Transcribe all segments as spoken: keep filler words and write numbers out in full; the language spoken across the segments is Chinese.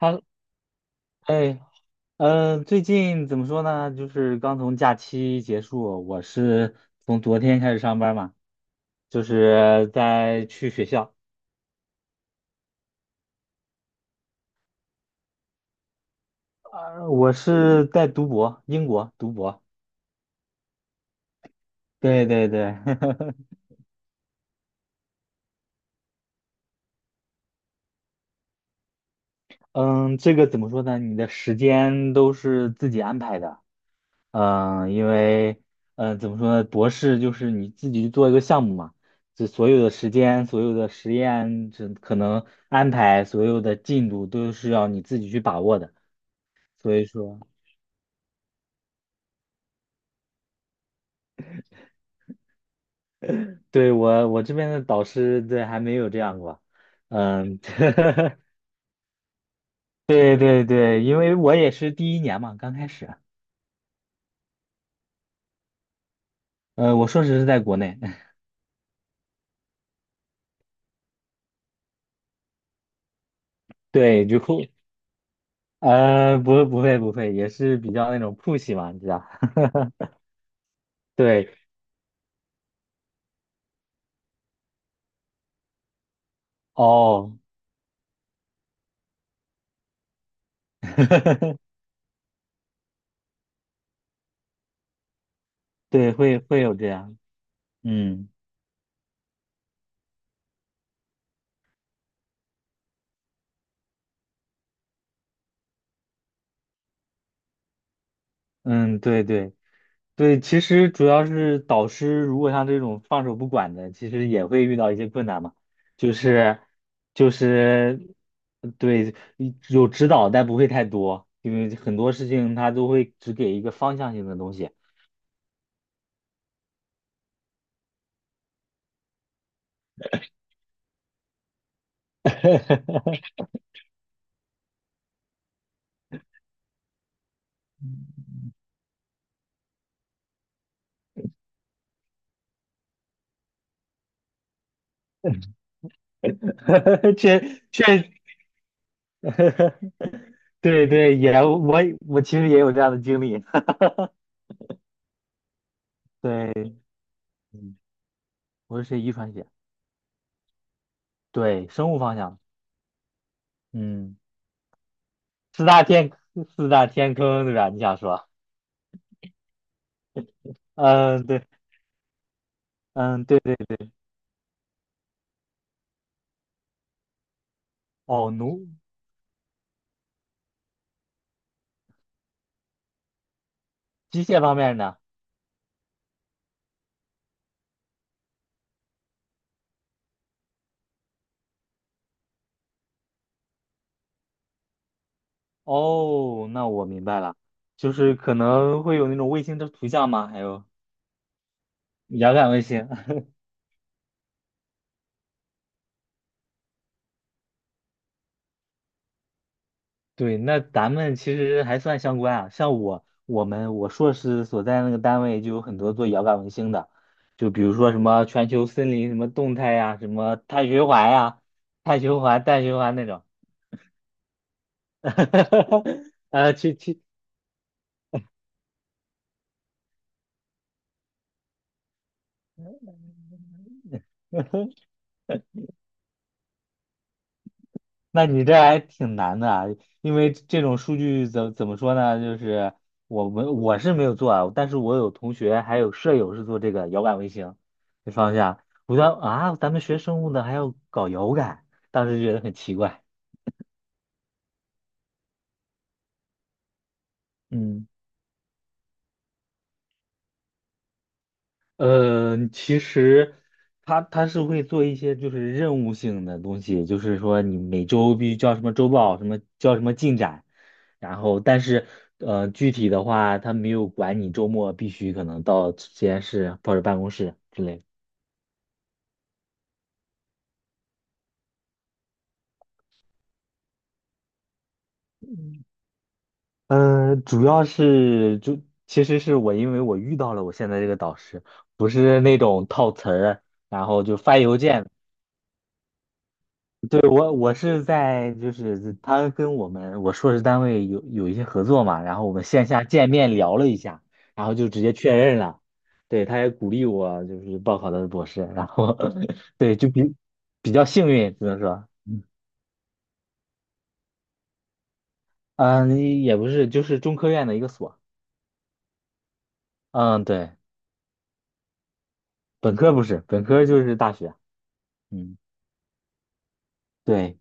哈，哎，嗯、最近怎么说呢？就是刚从假期结束，我是从昨天开始上班嘛，就是在去学校。呃我是在读博，英国读博。对对对，嗯，这个怎么说呢？你的时间都是自己安排的。嗯，因为，嗯，怎么说呢，博士就是你自己去做一个项目嘛，这所有的时间、所有的实验，这可能安排所有的进度都是要你自己去把握的。所以说，对我我这边的导师，对，还没有这样过。嗯。对对对，因为我也是第一年嘛，刚开始。呃，我硕士是在国内。对，就酷。呃，不不会不会，也是比较那种 push 嘛，你知道。对。哦。对，会会有这样。嗯嗯，对对对，其实主要是导师如果像这种放手不管的，其实也会遇到一些困难嘛。就是就是对，有指导，但不会太多，因为很多事情他都会只给一个方向性的东西。确确 对对，也我我其实也有这样的经历。对。嗯，我是学遗传学，对，生物方向。嗯。四大天四大天坑对吧？你想说？嗯，对。嗯，对对。哦。奴机械方面呢？哦，那我明白了，就是可能会有那种卫星的图像吗？还有遥感卫星。对，那咱们其实还算相关啊。像我，我们我硕士所在那个单位就有很多做遥感卫星的，就比如说什么全球森林什么动态呀、什么碳循环呀、碳循环、氮循环那种。呃，去去。那你这还挺难的啊，因为这种数据怎怎么说呢？就是我们我是没有做啊，但是我有同学还有舍友是做这个遥感卫星这方向。我说啊，咱们学生物的还要搞遥感，当时觉得很奇怪。嗯。呃，其实他他是会做一些就是任务性的东西，就是说你每周必须交什么周报，什么交什么进展，然后但是呃具体的话，他没有管你周末必须可能到实验室或者办公室之类的。嗯呃，主要是就其实是我因为我遇到了我现在这个导师，不是那种套词儿，然后就发邮件。对，我我是在就是他跟我们我硕士单位有有一些合作嘛，然后我们线下见面聊了一下，然后就直接确认了。对，他也鼓励我就是报考的博士，然后 对就比比较幸运，只能说。嗯，也不是，就是中科院的一个所。嗯，对，本科不是，本科就是大学。嗯，对，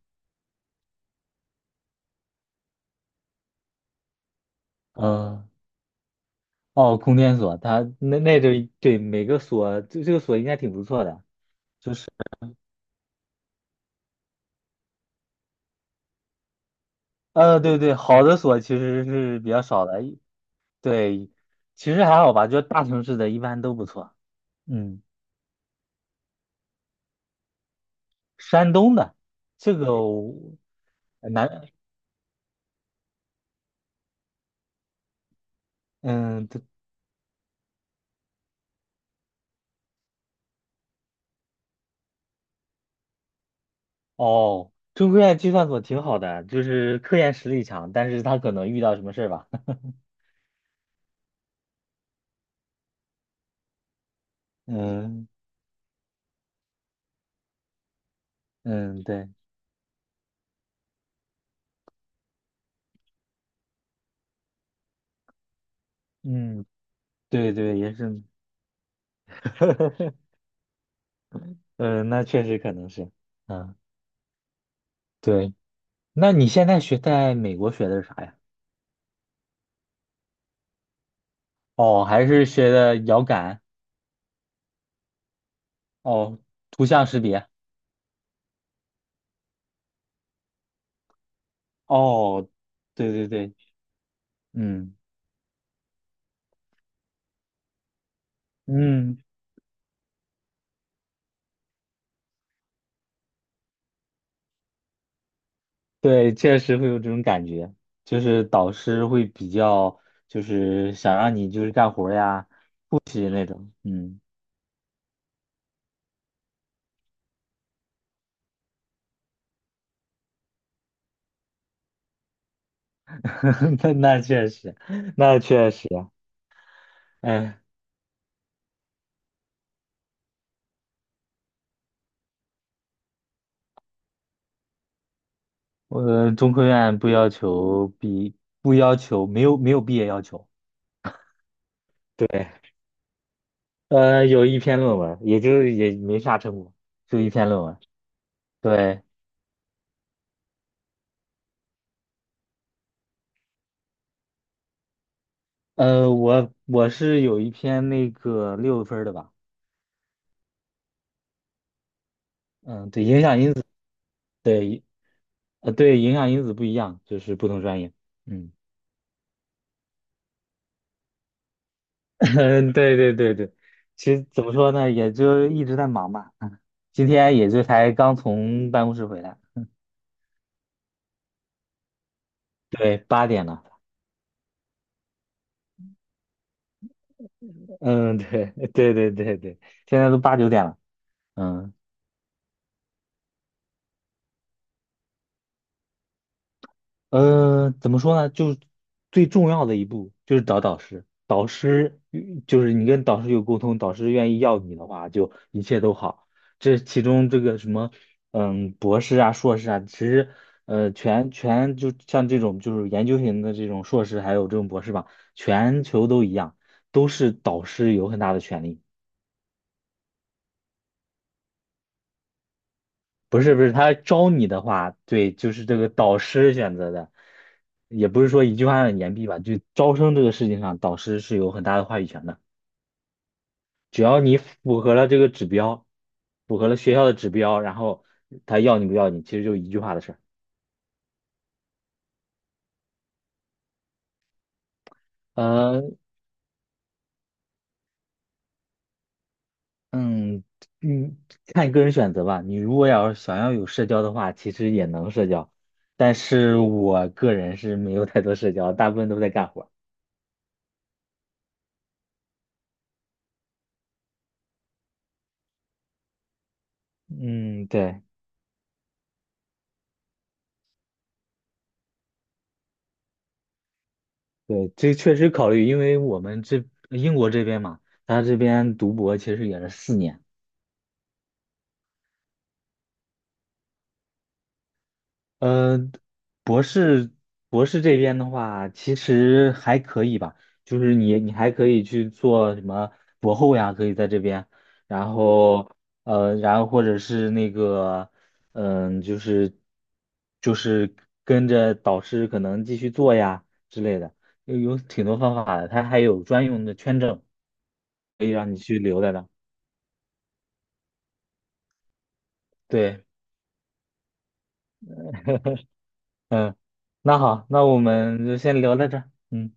嗯。哦，空间所，他那那就对每个所，就这个所应该挺不错的。就是。呃，对对，好的所其实是比较少的，对，其实还好吧，就大城市的一般都不错。嗯，山东的这个我呃南嗯，对。哦，中科院计算所挺好的，就是科研实力强，但是他可能遇到什么事儿吧。嗯嗯，对。嗯，对对，也是。嗯，那确实可能是。嗯，对。那你现在学在美国学的是啥呀？哦，还是学的遥感。哦，图像识别。哦，对对对，嗯嗯，对，确实会有这种感觉，就是导师会比较，就是想让你就是干活儿呀，复习那种。嗯。那那确实，那确实。哎，我中科院不要求毕，不要求，没有没有毕业要求。对。呃，有一篇论文，也就是也没啥成果，就一篇论文。对。呃，我我是有一篇那个六分儿的吧。嗯，对，影响因子。对。呃，对，影响因子不一样，就是不同专业。嗯。对对对对，其实怎么说呢，也就一直在忙吧。嗯，今天也就才刚从办公室回来。对，八点了。嗯，对。 对对对对，现在都八九点了。嗯。嗯，怎么说呢？就最重要的一步就是找导师，导师与就是你跟导师有沟通，导师愿意要你的话，就一切都好。这其中这个什么，嗯，博士啊、硕士啊，其实呃，全全就像这种就是研究型的这种硕士，还有这种博士吧，全球都一样，都是导师有很大的权利。不是不是，他招你的话，对，就是这个导师选择的，也不是说一句话让你言毕吧，就招生这个事情上，导师是有很大的话语权的。只要你符合了这个指标，符合了学校的指标，然后他要你不要你，其实就一句话的事儿。呃，嗯嗯，看你个人选择吧。你如果要是想要有社交的话，其实也能社交，但是我个人是没有太多社交，大部分都在干活儿。嗯，对。对，这确实考虑，因为我们这英国这边嘛，他这边读博其实也是四年。呃，博士博士这边的话，其实还可以吧，就是你你还可以去做什么博后呀，可以在这边，然后呃，然后或者是那个，嗯、就是就是跟着导师可能继续做呀之类的，有有挺多方法的，他还有专用的签证可以让你去留在那。对。嗯，那好，那我们就先聊到这儿嗯。